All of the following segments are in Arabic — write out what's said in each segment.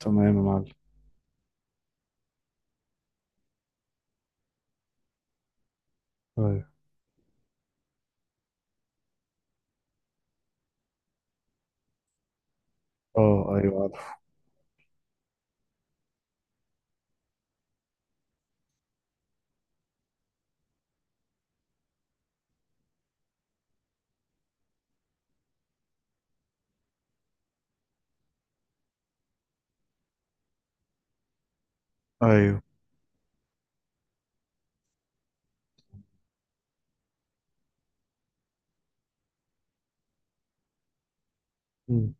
تمام يا معلم. ايوه. اه، ايوه، عارف. ايوه. امم.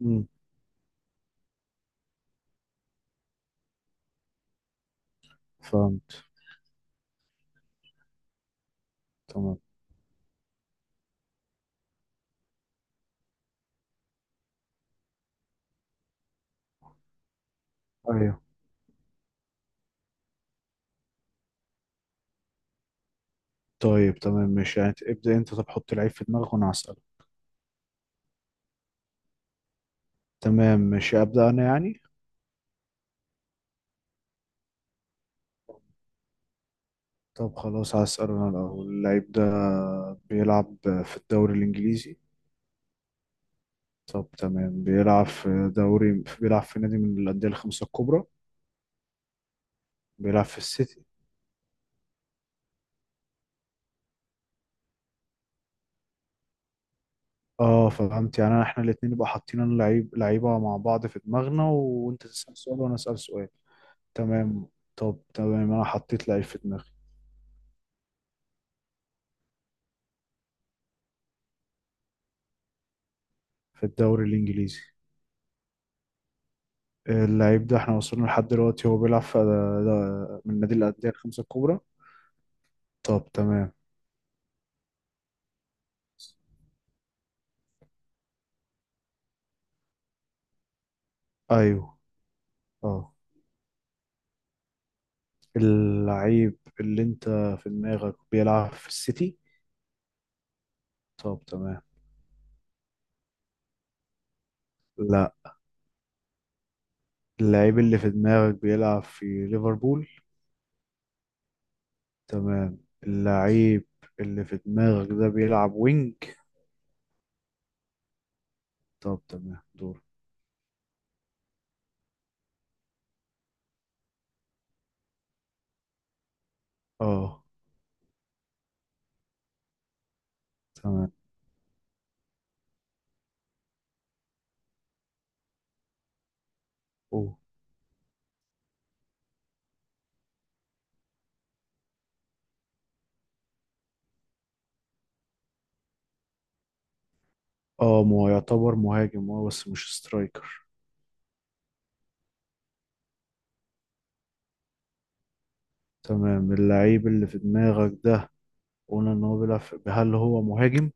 امم. فهمت. تمام. ايوه. طيب، تمام ماشي، يعني ابدأ انت، طب حط العيب في دماغك وانا هسأله. تمام ماشي، أبدأ انا يعني. طب خلاص هسأل انا الاول، اللعيب ده بيلعب في الدوري الانجليزي. طب تمام، بيلعب في دوري، بيلعب في نادي من الأندية الخمسة الكبرى. بيلعب في السيتي. اه فهمت، يعني احنا الاتنين نبقى حاطين اللعيب لعيبة مع بعض في دماغنا، وانت تسأل سؤال وانا أسأل سؤال. تمام. طب تمام، انا حطيت لعيب في دماغي. في الدوري الانجليزي. اللعيب ده احنا وصلنا لحد دلوقتي هو بيلعب في، ده من نادي الانديه الخمسه الكبرى. طب تمام. ايوه. اه. اللعيب اللي انت في دماغك بيلعب في السيتي؟ طب تمام. لا، اللعيب اللي في دماغك بيلعب في ليفربول. تمام، اللعيب اللي في دماغك ده بيلعب وينج؟ طب تمام دور. اه. تمام. اه ما هو يعتبر مهاجم، اه بس مش سترايكر. تمام، اللعيب اللي في دماغك ده قلنا ان هو هل هو مهاجم؟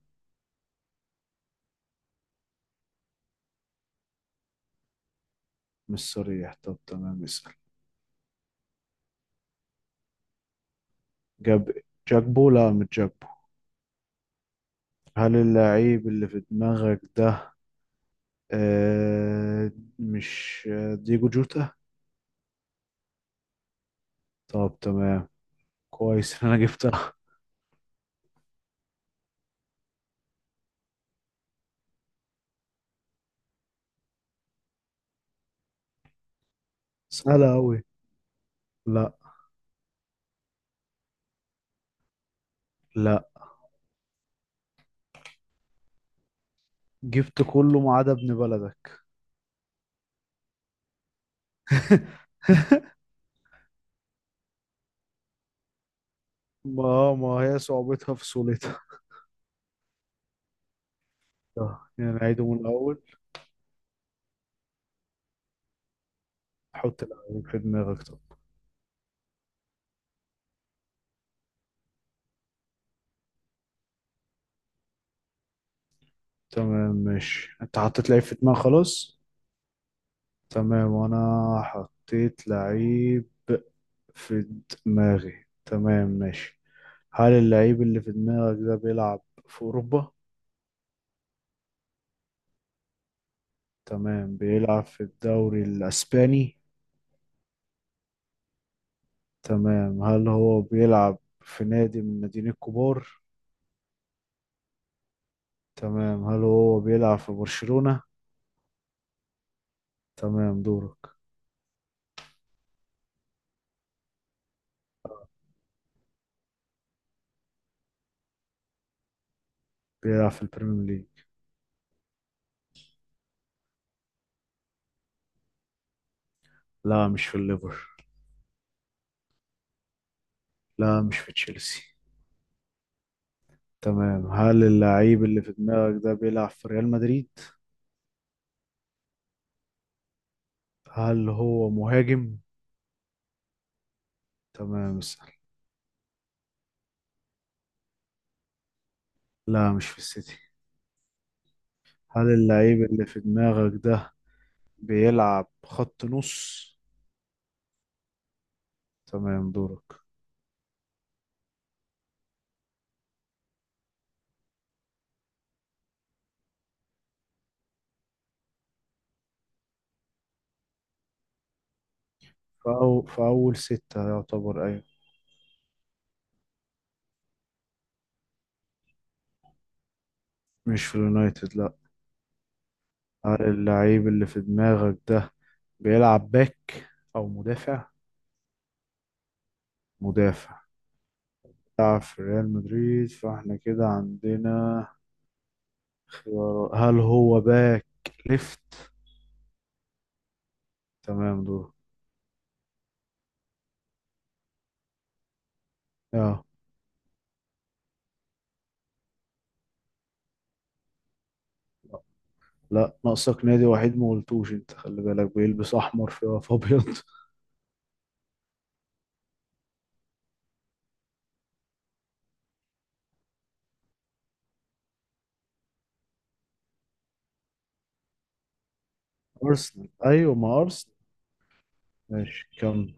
مش صريح، طب تمام اسأل. جاب جاكبو، لا مش جاكبو. هل اللعيب اللي في دماغك ده آه مش ديجو جوتا؟ طب تمام، كويس إن انا جبتها. سهلة اوي. لا، لا، جبت كله ما عدا ابن بلدك. ما هي صعوبتها في سهولتها. يعني نعيده من الاول. حط لعيب في دماغك طب. تمام ماشي، انت حطيت لعيب في دماغك خلاص. تمام، وانا حطيت لعيب في دماغي، تمام ماشي. هل اللعيب اللي في دماغك ده بيلعب في اوروبا؟ تمام، بيلعب في الدوري الاسباني. تمام، هل هو بيلعب في نادي من الناديين الكبار؟ تمام، هل هو بيلعب في برشلونة؟ تمام دورك. بيلعب في البريمير ليج. لا مش في الليفر. لا مش في تشيلسي. تمام، هل اللعيب اللي في دماغك ده بيلعب في ريال مدريد؟ هل هو مهاجم؟ تمام اسأل. لا مش في السيتي. هل اللعيب اللي في دماغك ده بيلعب خط نص؟ تمام دورك. في أول ستة يعتبر، أيوة. مش في اليونايتد، لا. هل اللعيب اللي في دماغك ده بيلعب باك أو مدافع؟ مدافع. بيلعب في ريال مدريد، فاحنا كده عندنا خيارات، هل هو باك ليفت؟ تمام دورك. اه. لا ناقصك نادي وحيد ما قلتوش، انت خلي بالك بيلبس احمر في ابيض. ارسنال، ايوه ما ارسنال. ماشي كمل،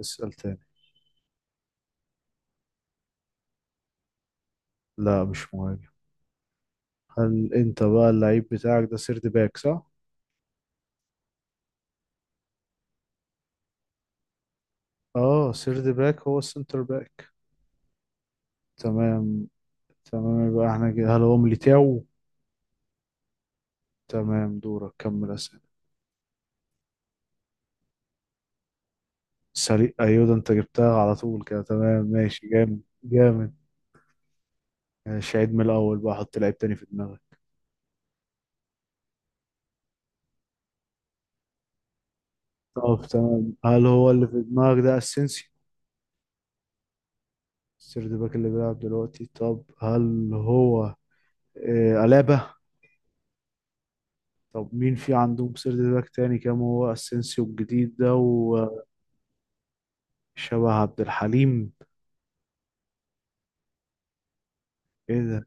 اسال تاني. لا مش مهاجم. هل انت بقى اللعيب بتاعك ده سيرد باك، صح؟ اه، سيرد باك هو السنتر باك. تمام. تمام، يبقى احنا كده هل هو ميليتاو؟ تمام دورك، كمل اسئله. سريع، ايوه ده انت جبتها على طول كده، تمام ماشي، جامد جامد. ماشي عيد من الاول بقى، حط لعيب تاني في دماغك. طب تمام، هل هو اللي في دماغك ده اسينسيو، السيرد باك اللي بيلعب دلوقتي؟ طب هل هو ألابا؟ طب مين في عندهم سيرد باك تاني؟ كام هو اسينسيو الجديد ده وشبه عبد الحليم؟ ايه ده؟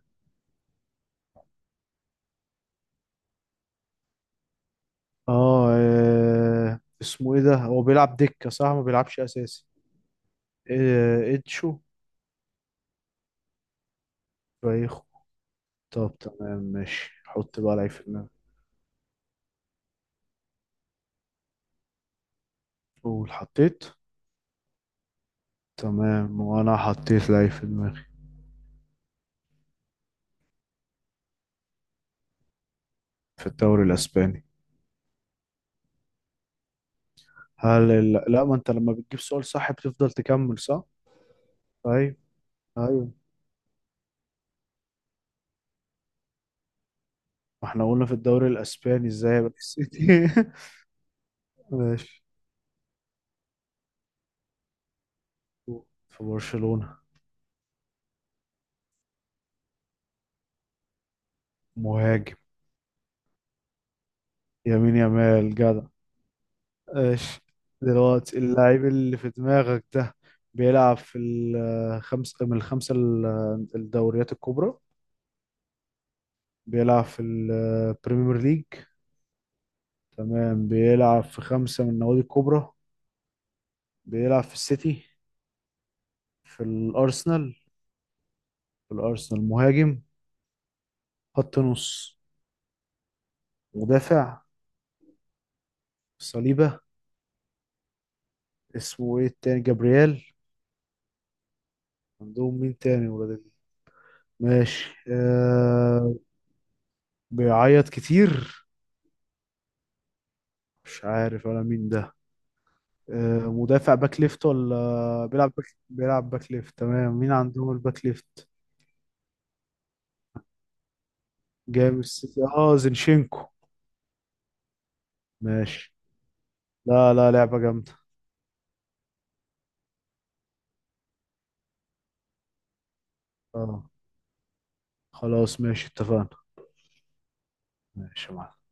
اسمه ايه ده، هو بيلعب دكة صح، ما بيلعبش اساسي؟ اتشو؟ بايخو. طب تمام ماشي، حط بقى لعيب في دماغي. قول حطيت. تمام، وانا حطيت لعيب في دماغي. في الدوري الاسباني. لا، ما انت لما بتجيب سؤال صح بتفضل تكمل، صح؟ طيب. ايوه. واحنا قلنا في الدوري الاسباني ازاي هيبقى السيتي؟ ماشي. في برشلونة. مهاجم. يمين يامال، جدع. ماشي. دلوقتي اللاعب اللي في دماغك ده بيلعب في الخمس من الخمسة الدوريات الكبرى. بيلعب في البريمير ليج. تمام، بيلعب في خمسة من النوادي الكبرى. بيلعب في السيتي. في الأرسنال. في الأرسنال مهاجم. خط نص. مدافع. صليبة. اسمه ايه التاني، جابرييل؟ عندهم مين تاني ماشي. بيعيط كتير. مش عارف انا مين ده. آه مدافع، باك ليفت ولا بيلعب باك، بيلعب باك ليفت، تمام مين عندهم الباك ليفت؟ جاي من السيتي، اه زينشينكو. ماشي. لا، لا، لعبة جامدة. اه خلاص ماشي اتفقنا. ماشي يا معلم.